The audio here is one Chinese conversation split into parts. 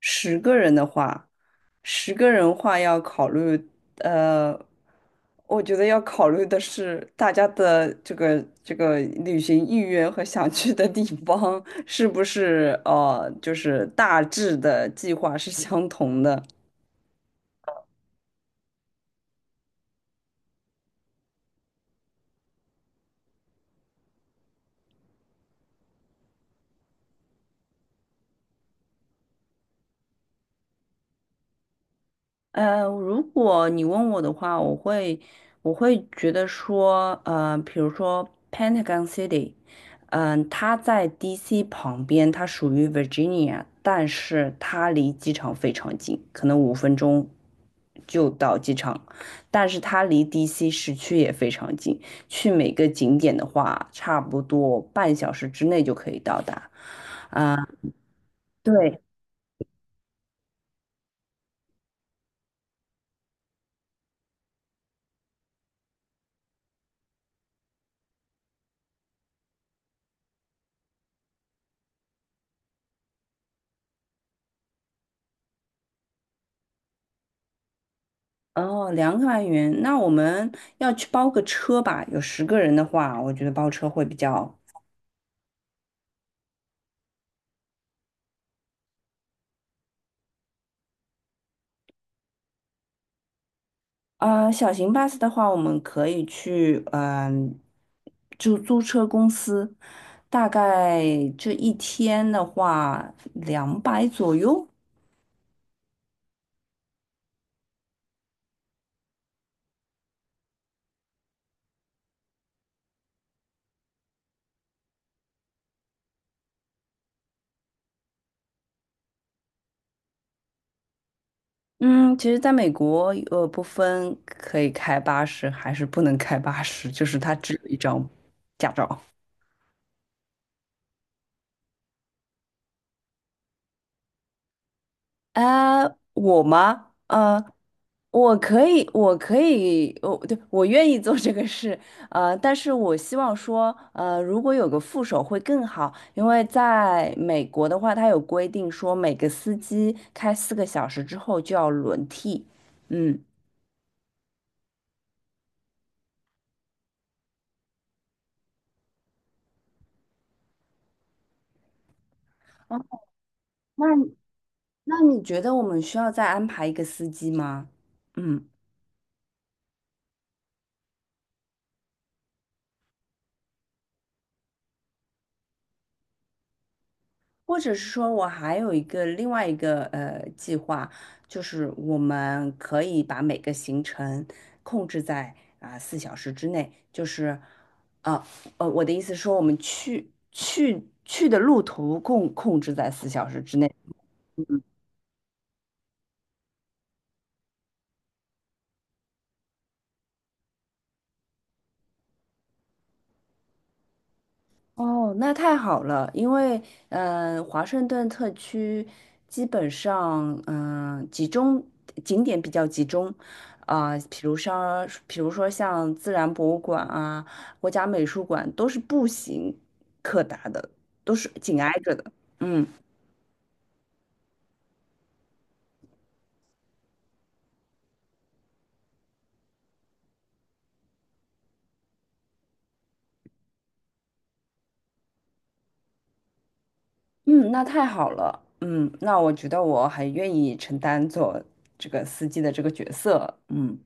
十个人的话，十个人话要考虑，呃，我觉得要考虑的是大家的这个旅行意愿和想去的地方是不是就是大致的计划是相同的。如果你问我的话，我会觉得说，比如说 Pentagon City,它在 DC 旁边，它属于 Virginia,但是它离机场非常近，可能五分钟就到机场，但是它离 DC 市区也非常近，去每个景点的话，差不多半小时之内就可以到达。对。哦，两百元，那我们要去包个车吧？有十个人的话，我觉得包车会比较。小型 bus 的话，我们可以去，就租车公司，大概这一天的话，两百左右。嗯，其实在美国，不分可以开八十还是不能开八十，就是它只有一张驾照。呃，我吗？我可以，我可以，我对，我愿意做这个事，但是我希望说，如果有个副手会更好，因为在美国的话，他有规定说每个司机开四个小时之后就要轮替。嗯。哦，那那你觉得我们需要再安排一个司机吗？嗯。或者是说我还有另外一个计划，就是我们可以把每个行程控制在四小时之内，就是啊我的意思说我们去的路途控制在四小时之内。哦，那太好了，因为华盛顿特区基本上嗯、呃集中景点比较集中，比如说像自然博物馆啊、国家美术馆都是步行可达的，都是紧挨着的。嗯。嗯，那太好了，嗯，那我觉得我很愿意承担做这个司机的这个角色。嗯。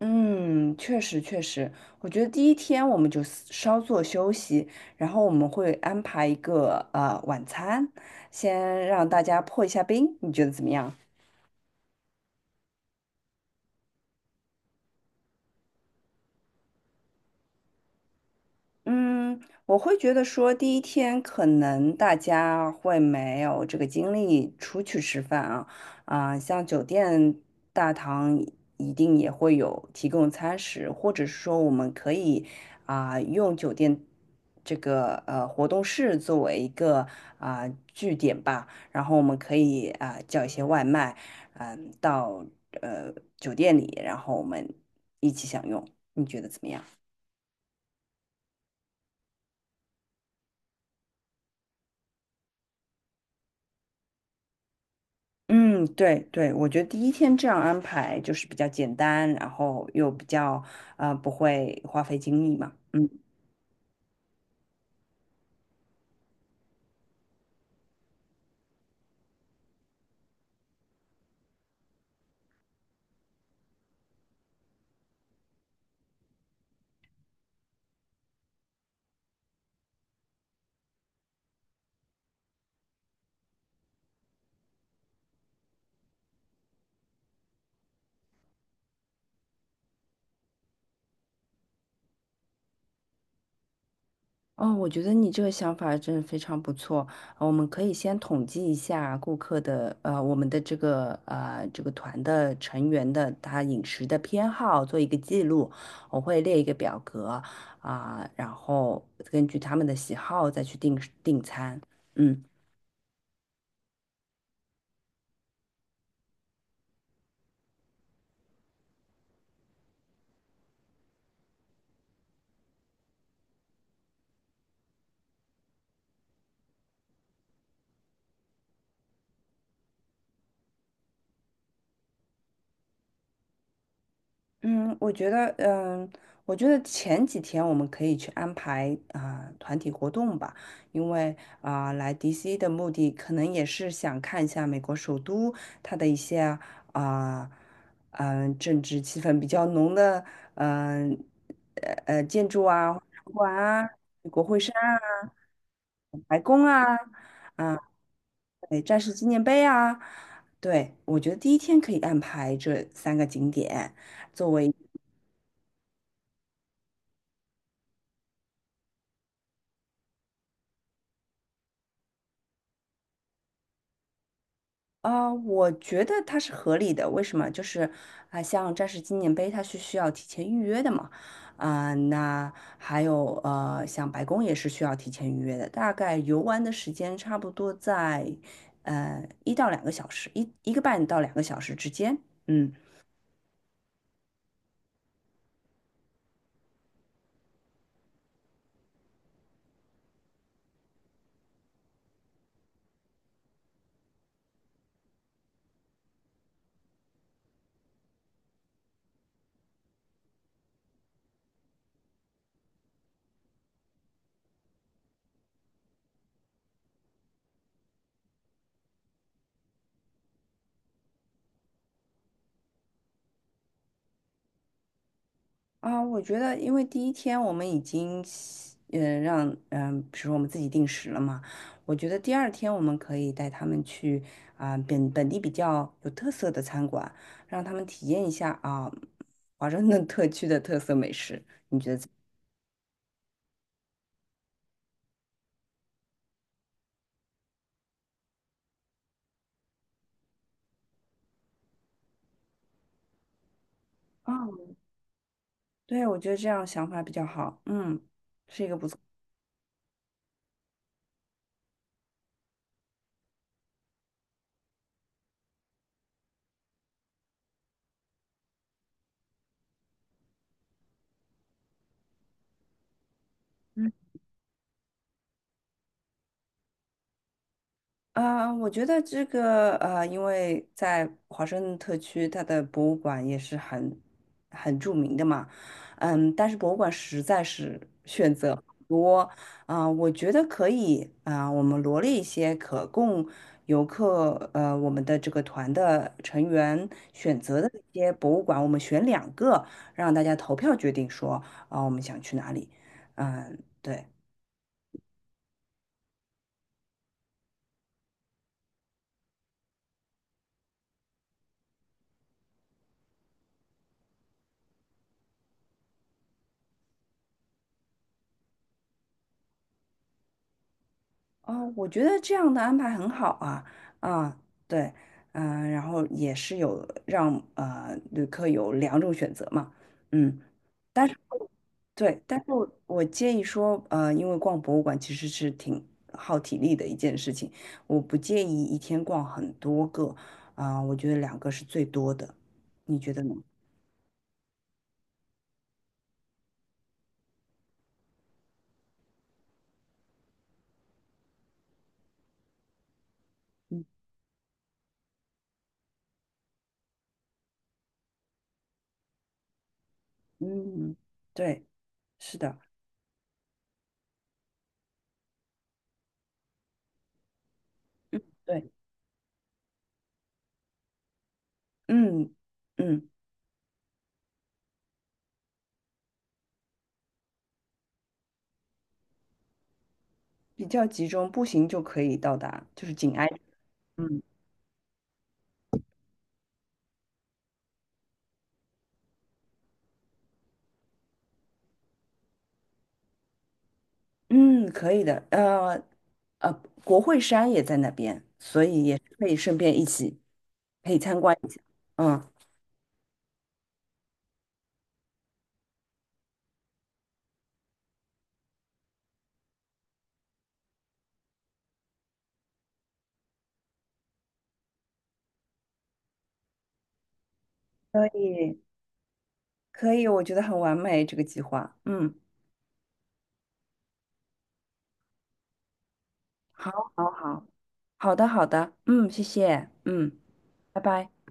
嗯，确实确实，我觉得第一天我们稍作休息，然后我们会安排一个晚餐，先让大家破一下冰，你觉得怎么样？嗯，我会觉得说，第一天可能大家会没有这个精力出去吃饭啊，像酒店大堂一定也会有提供餐食，或者是说我们可以用酒店这个活动室作为一个啊、据点吧，然后我们可以叫一些外卖，到酒店里，然后我们一起享用，你觉得怎么样？嗯，对对，我觉得第一天这样安排就是比较简单，然后又比较不会花费精力嘛。嗯。哦，我觉得你这个想法真的非常不错。我们可以先统计一下顾客的呃我们的这个团的成员的他饮食的偏好，做一个记录。我会列一个表格啊，然后根据他们的喜好再去订餐。嗯。嗯，我觉得，嗯，我觉得前几天我们可以去安排团体活动吧，因为来 DC 的目的可能也是想看一下美国首都它的一些啊嗯、政治气氛比较浓的嗯建筑啊、博物馆啊、国会山啊、白宫啊。啊、对，战士纪念碑啊。对，我觉得第一天可以安排这三个景点，作为我觉得它是合理的。为什么？就是像战士纪念碑，它是需要提前预约的嘛。那还有像白宫也是需要提前预约的。大概游玩的时间差不多在一到两个小时，一个半到两个小时之间。嗯。啊，我觉得，因为第一天我们已经习嗯，呃让，嗯、比如说我们自己定时了嘛，我觉得第二天我们可以带他们去本地比较有特色的餐馆，让他们体验一下华盛顿特区的特色美食。啊，对，我觉得这样想法比较好，嗯，是一个不错。啊，我觉得这个因为在华盛顿特区，它的博物馆也是很著名的嘛，嗯，但是博物馆实在是选择很多啊，我觉得可以啊，我们罗列一些可供我们的这个团的成员选择的一些博物馆，我们选两个，让大家投票决定说啊，我们想去哪里。嗯，对。哦，我觉得这样的安排很好啊。啊，对。然后也是有让旅客有两种选择嘛。嗯，但是对，但是我建议说，呃，因为逛博物馆其实是挺耗体力的一件事情，我不建议一天逛很多个，我觉得两个是最多的，你觉得呢？嗯。嗯，对，是的，对。嗯。嗯，比较集中，步行就可以到达，就是紧挨着。嗯。嗯，可以的。呃，国会山也在那边，所以也是可以顺便一起可以参观一下。嗯。可以，可以，我觉得很完美这个计划。嗯，好，好，好，好的，好的。嗯，谢谢。嗯，拜拜。